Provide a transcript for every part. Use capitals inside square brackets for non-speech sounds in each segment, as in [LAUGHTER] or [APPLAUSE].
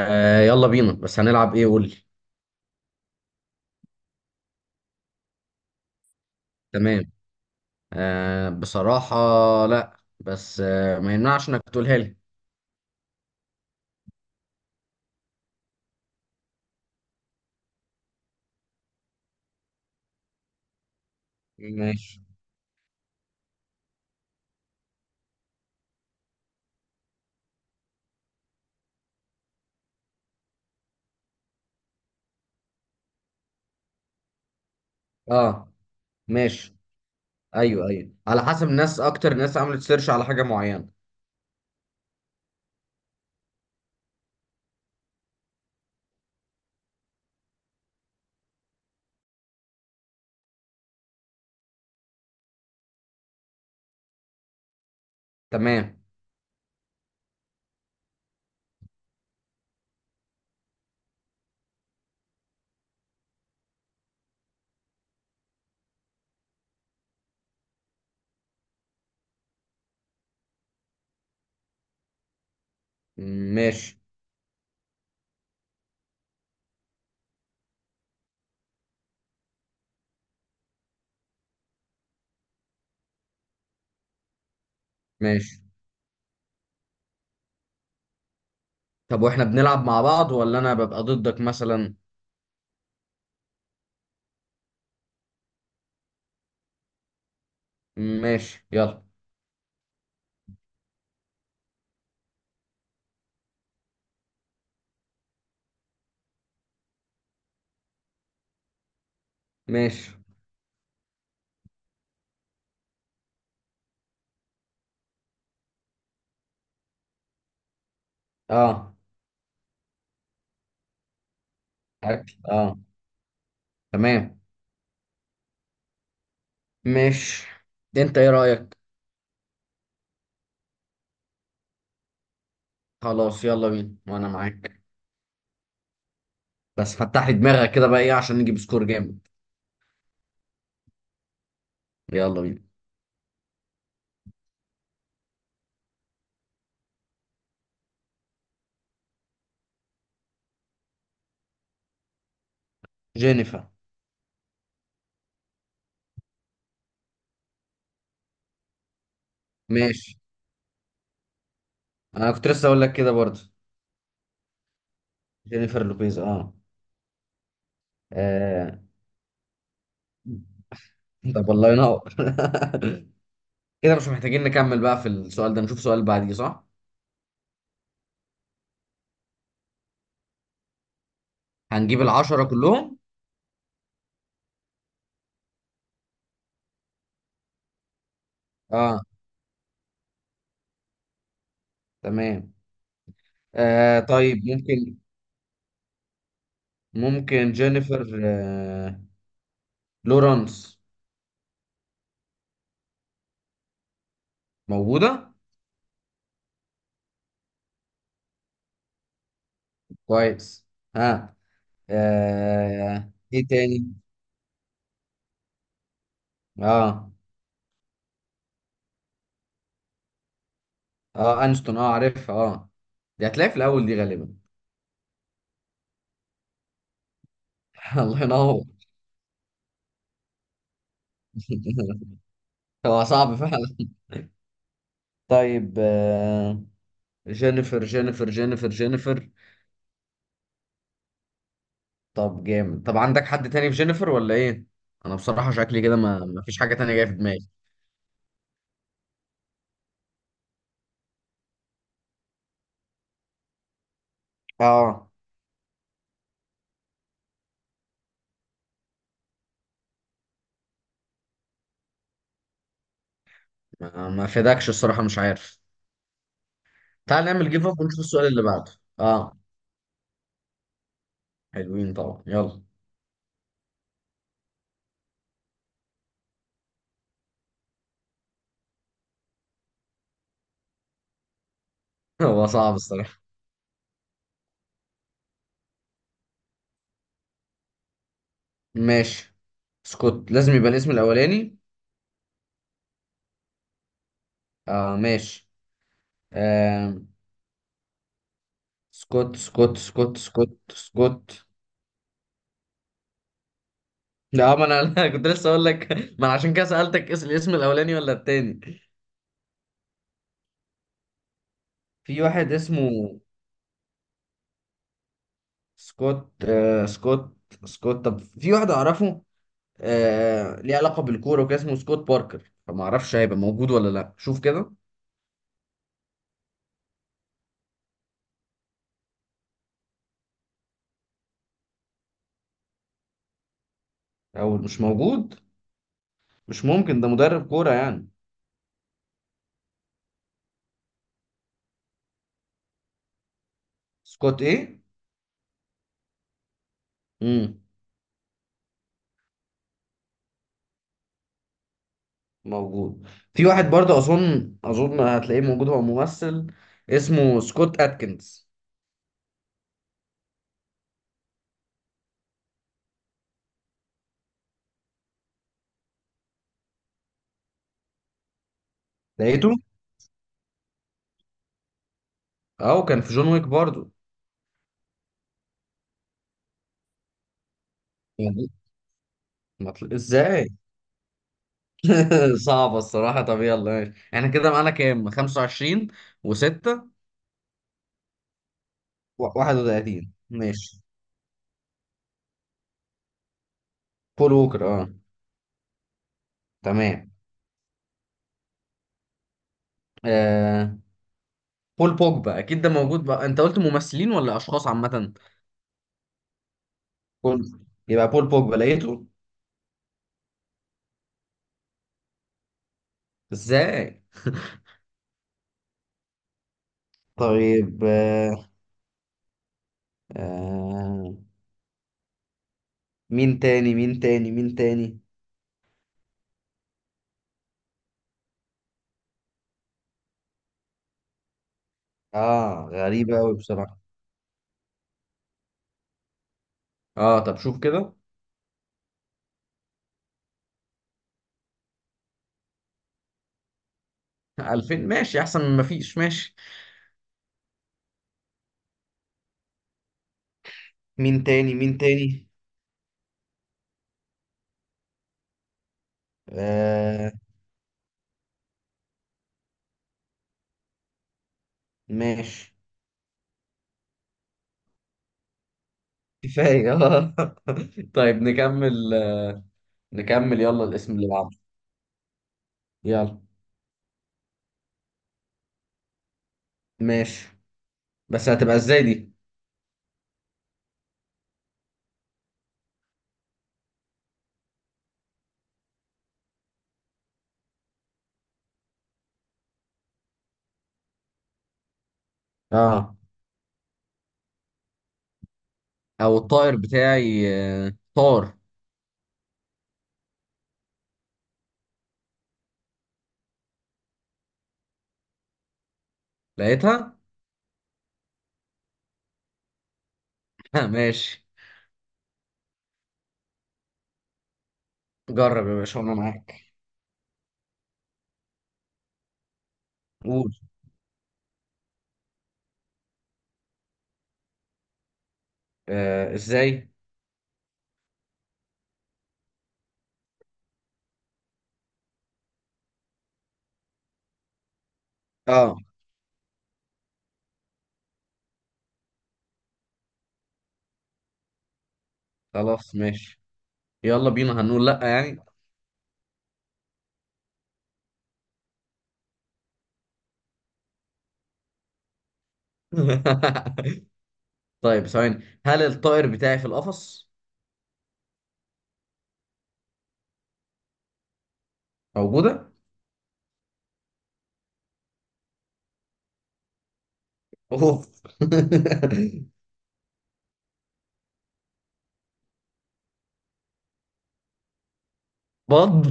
آه يلا بينا، بس هنلعب ايه؟ قول لي. تمام. بصراحة، لا بس ما يمنعش انك تقولها لي. ماشي. اه. ماشي. ايوه ايوه، على حسب الناس، اكتر ناس عملت سيرش على حاجة معينة. تمام. ماشي. ماشي. طب واحنا بنلعب مع بعض ولا انا ببقى ضدك مثلا؟ ماشي يلا. ماشي. اه. اكل، اه. تمام. ماشي. انت ايه رأيك؟ خلاص يلا بينا وانا معاك. بس فتح لي دماغك كده بقى، ايه عشان نجيب سكور جامد. يلا بينا. جينيفر. ماشي. انا كنت لسه اقول لك كده برضه. جينيفر لوبيز اه. آه. طب والله ينور. [LAUGHS] كده مش محتاجين نكمل بقى في السؤال ده، نشوف سؤال بعديه، صح؟ هنجيب العشرة كلهم. اه. تمام. آه طيب ممكن، ممكن جينيفر لورانس؟ موجودة. كويس. ها. آه. ايه تاني؟ اه. اه انشتون، اه عارفها، اه. دي هتلاقي في الاول دي غالبا. [LAUGHS] الله ينور. [LAUGHS] هو صعب فعلا. طيب جينيفر جينيفر جينيفر جينيفر. طب جامد، طب عندك حد تاني في جينيفر ولا ايه؟ انا بصراحة شكلي كده ما فيش حاجة تانية جاية في دماغي. اه. ما فداكش الصراحة، مش عارف. تعال نعمل جيف اب ونشوف السؤال اللي بعده. اه. حلوين طبعا، يلا. [LAUGHS] هو صعب الصراحة. ماشي، سكوت لازم يبقى الاسم الاولاني. اه ماشي. آه. سكوت سكوت سكوت سكوت سكوت. لا ما انا [LAUGHS] أنا كنت لسه اقول لك، ما انا عشان كده سألتك الاسم الاولاني ولا التاني. في واحد اسمه سكوت، آه سكوت سكوت. طب في واحد اعرفه، آه، ليه علاقة بالكورة وكده، اسمه سكوت باركر، فما اعرفش هيبقى موجود ولا لا. شوف كده. او مش موجود. مش ممكن، ده مدرب كورة يعني. سكوت ايه؟ امم موجود. في واحد برضه اظن، اظن هتلاقيه موجود، هو ممثل، اسمه سكوت اتكنز. لقيته. اه وكان في جون ويك برضو. يعني ما طل... ازاي؟ [LAUGHS] صعبة الصراحة. طب يلا ماشي. احنا كده معانا كام، 25 و6؟ 31 ماشي. بول ووكر اه. تمام. آه... بول بوجبا اكيد ده موجود بقى. انت قلت ممثلين ولا اشخاص عامة؟ بول. يبقى بول بوجبا لقيته. ازاي؟ طيب آه... مين تاني، مين تاني، مين تاني؟ اه غريبة قوي بصراحة. اه طب شوف كده. 2000 ماشي، احسن من مفيش، ماشي. مين تاني، مين تاني؟ آه. ماشي. كفاية. [LAUGHS] آه. طيب نكمل آه، نكمل يلا، الاسم اللي بعده. يلا. ماشي. بس هتبقى ازاي دي؟ اه. او الطائر بتاعي. آه طار. لقيتها. [LAUGHS] ها ماشي. جرب يا باشا وانا معاك. قول. آه ازاي؟ اه. خلاص ماشي. يلا بينا هنقول لا يعني. [LAUGHS] طيب ثواني، هل الطائر بتاعي في القفص؟ موجودة؟ اوف. [LAUGHS] بط.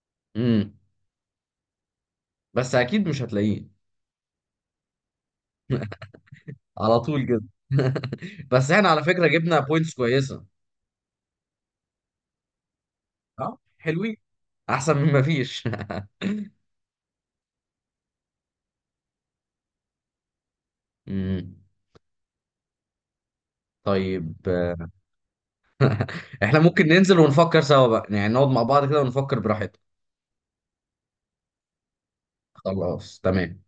[LAUGHS] امم بس اكيد مش هتلاقيه. على طول كده. [LAUGHS] بس احنا على فكرة جبنا بوينتس كويسة. اه حلوين. احسن من ما فيش. [LAUGHS] امم. طيب. [LAUGHS] احنا ممكن ننزل ونفكر سوا بقى يعني، نقعد مع بعض كده ونفكر براحتنا. خلاص تمام.